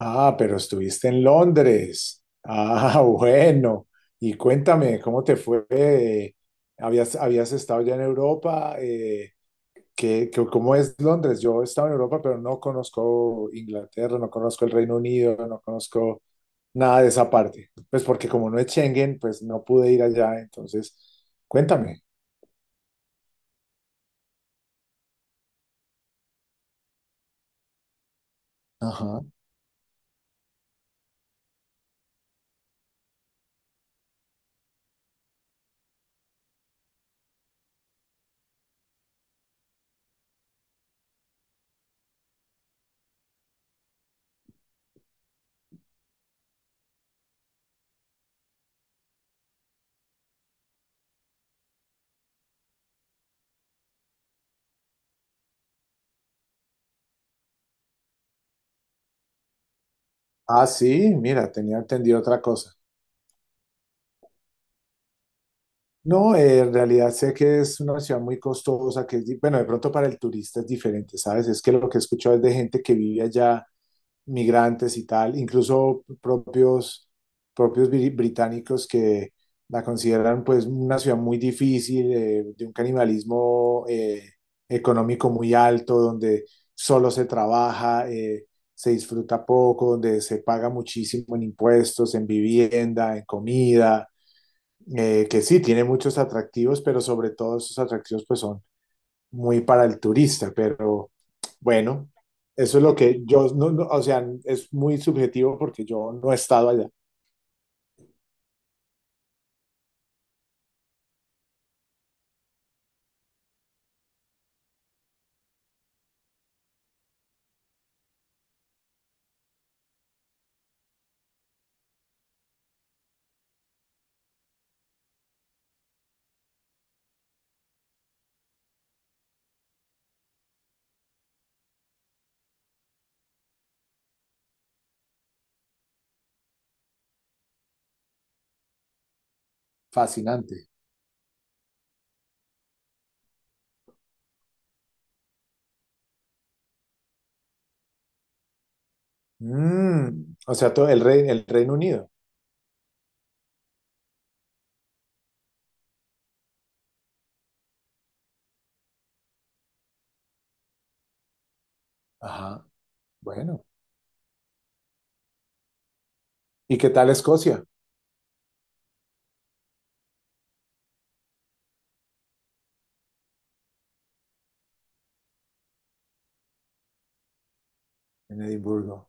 Ah, pero estuviste en Londres. Ah, bueno. Y cuéntame, ¿cómo te fue? ¿Habías estado ya en Europa? ¿Cómo es Londres? Yo he estado en Europa, pero no conozco Inglaterra, no conozco el Reino Unido, no conozco nada de esa parte. Pues porque como no es Schengen, pues no pude ir allá. Entonces, cuéntame. Ajá. Ah, sí, mira, tenía entendido otra cosa. No, en realidad sé que es una ciudad muy costosa, que es, bueno, de pronto para el turista es diferente, ¿sabes? Es que lo que he escuchado es de gente que vive allá, migrantes y tal, incluso propios, británicos que la consideran pues una ciudad muy difícil, de un canibalismo económico muy alto, donde solo se trabaja, se disfruta poco, donde se paga muchísimo en impuestos, en vivienda, en comida que sí, tiene muchos atractivos, pero sobre todo esos atractivos pues son muy para el turista, pero bueno, eso es lo que yo, no, no, o sea, es muy subjetivo porque yo no he estado allá. Fascinante. Mm, o sea, todo el rey, el Reino Unido. Ajá, bueno. ¿Y qué tal Escocia en Edimburgo?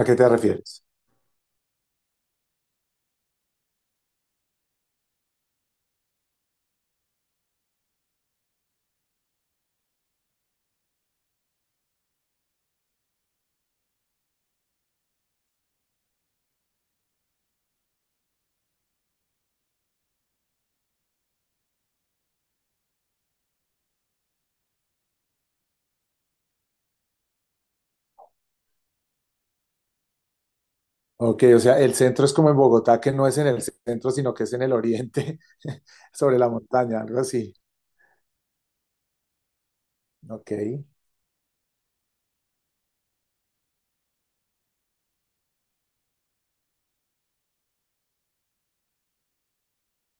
¿A qué te refieres? Ok, o sea, el centro es como en Bogotá, que no es en el centro, sino que es en el oriente, sobre la montaña, algo así. Ok.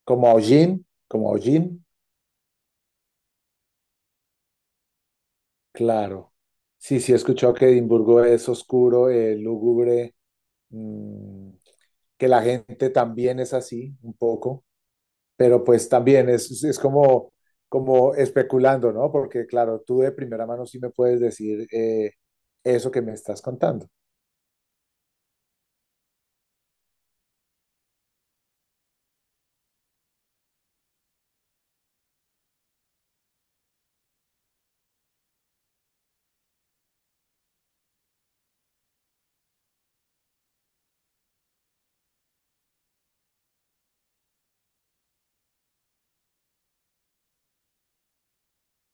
Como hollín, como hollín, claro. Sí, sí, he escuchado que Edimburgo es oscuro, lúgubre, mm, que la gente también es así, un poco, pero pues también es como, como especulando, ¿no? Porque claro, tú de primera mano sí me puedes decir eso que me estás contando.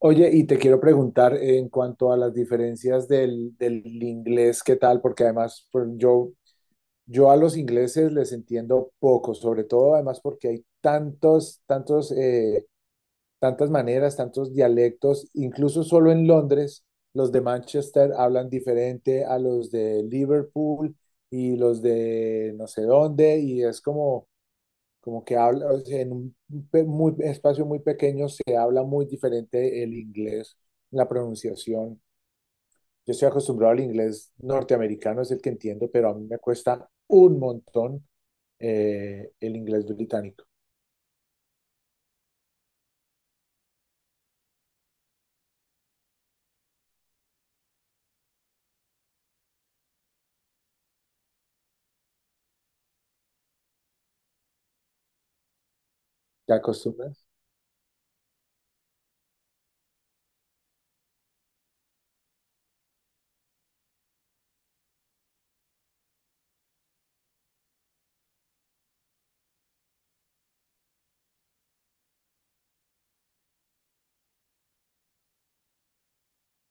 Oye, y te quiero preguntar en cuanto a las diferencias del inglés, ¿qué tal? Porque además pues, yo a los ingleses les entiendo poco, sobre todo además porque hay tantos, tantos, tantas maneras, tantos dialectos, incluso solo en Londres, los de Manchester hablan diferente a los de Liverpool y los de no sé dónde, y es como como que habla, o sea, en un muy, espacio muy pequeño se habla muy diferente el inglés, la pronunciación. Yo estoy acostumbrado al inglés norteamericano, es el que entiendo, pero a mí me cuesta un montón el inglés británico. ¿Te acostumbras?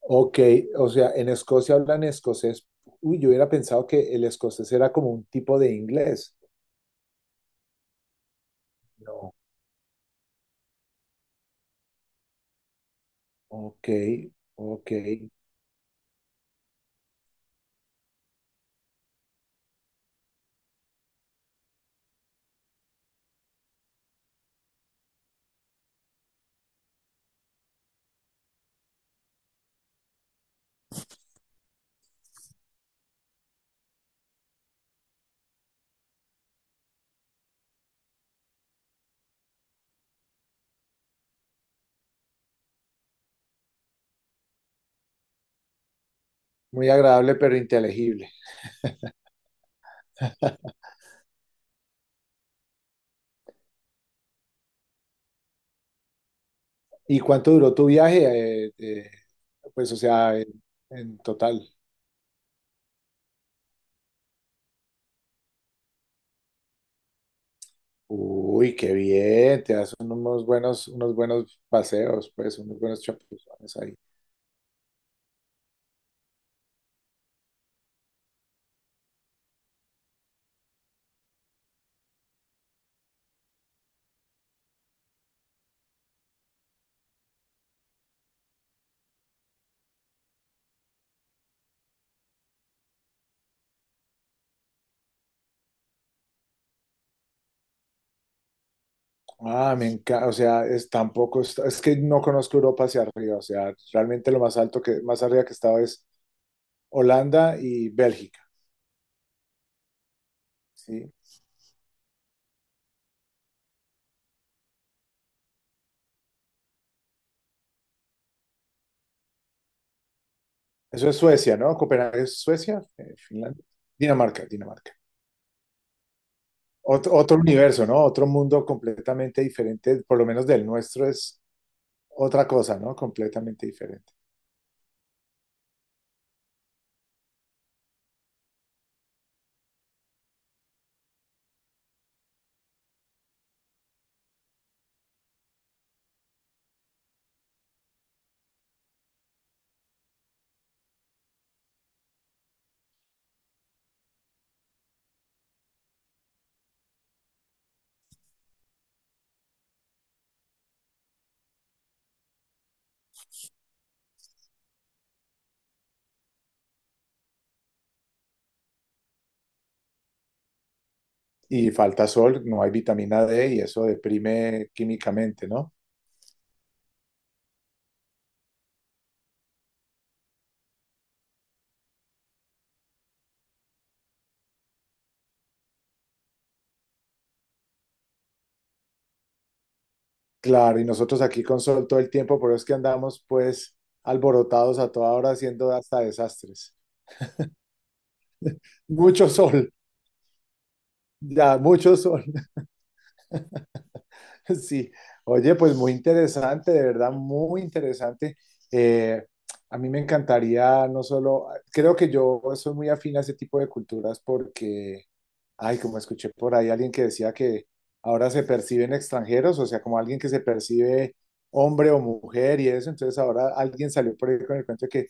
Ok, o sea, en Escocia hablan escocés. Uy, yo hubiera pensado que el escocés era como un tipo de inglés. No, ok, ok. Muy agradable, pero inteligible. ¿Y cuánto duró tu viaje? Pues, o sea, en total. Uy, qué bien, te das unos buenos paseos, pues, unos buenos chapuzones ahí. Ah, me encanta, o sea, es tampoco, es que no conozco Europa hacia arriba, o sea, realmente lo más alto que, más arriba que he estado es Holanda y Bélgica, ¿sí? Eso es Suecia, ¿no? Copenhague es Suecia, Finlandia, Dinamarca, Dinamarca. Otro, otro universo, ¿no? Otro mundo completamente diferente, por lo menos del nuestro, es otra cosa, ¿no? Completamente diferente. Y falta sol, no hay vitamina D y eso deprime químicamente, ¿no? Claro, y nosotros aquí con sol todo el tiempo, por eso es que andamos pues alborotados a toda hora haciendo hasta desastres. Mucho sol, ya, mucho sol. Sí, oye, pues muy interesante, de verdad, muy interesante. Eh, a mí me encantaría, no solo, creo que yo soy muy afín a ese tipo de culturas porque, ay, como escuché por ahí alguien que decía que ahora se perciben extranjeros, o sea, como alguien que se percibe hombre o mujer y eso, entonces ahora alguien salió por ahí con el cuento de que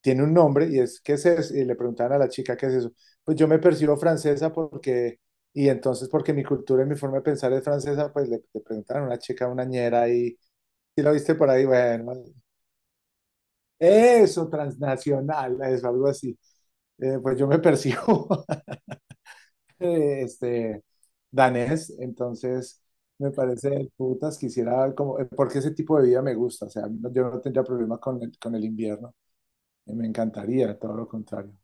tiene un nombre y es, ¿qué es eso? Y le preguntaban a la chica, ¿qué es eso? Pues yo me percibo francesa porque y entonces, porque mi cultura y mi forma de pensar es francesa, pues le preguntaron a una chica, una ñera, y si lo viste por ahí, bueno, eso, transnacional, eso, algo así. Pues yo me percibo eh, este, danés, entonces me parece del putas, quisiera, como, porque ese tipo de vida me gusta, o sea, yo no tendría problema con el invierno, me encantaría, todo lo contrario.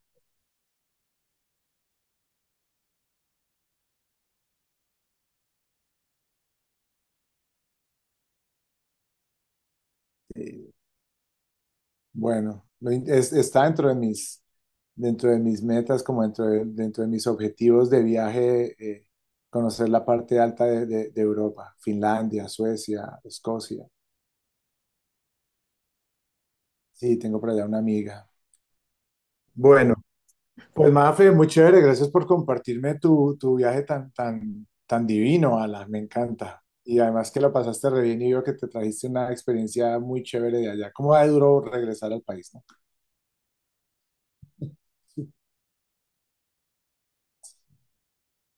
eh, Bueno, está dentro de mis metas, como dentro de mis objetivos de viaje, conocer la parte alta de, de Europa, Finlandia, Suecia, Escocia. Sí, tengo por allá una amiga. Bueno, pues Mafe, muy chévere, gracias por compartirme tu, tu viaje tan, tan, tan divino, Ala, me encanta. Y además que la pasaste re bien y veo que te trajiste una experiencia muy chévere de allá. ¿Cómo va de duro regresar al país, no?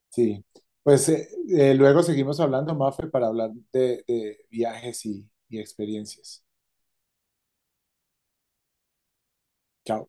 Sí, pues luego seguimos hablando, Mafe, para hablar de viajes y experiencias. Chao.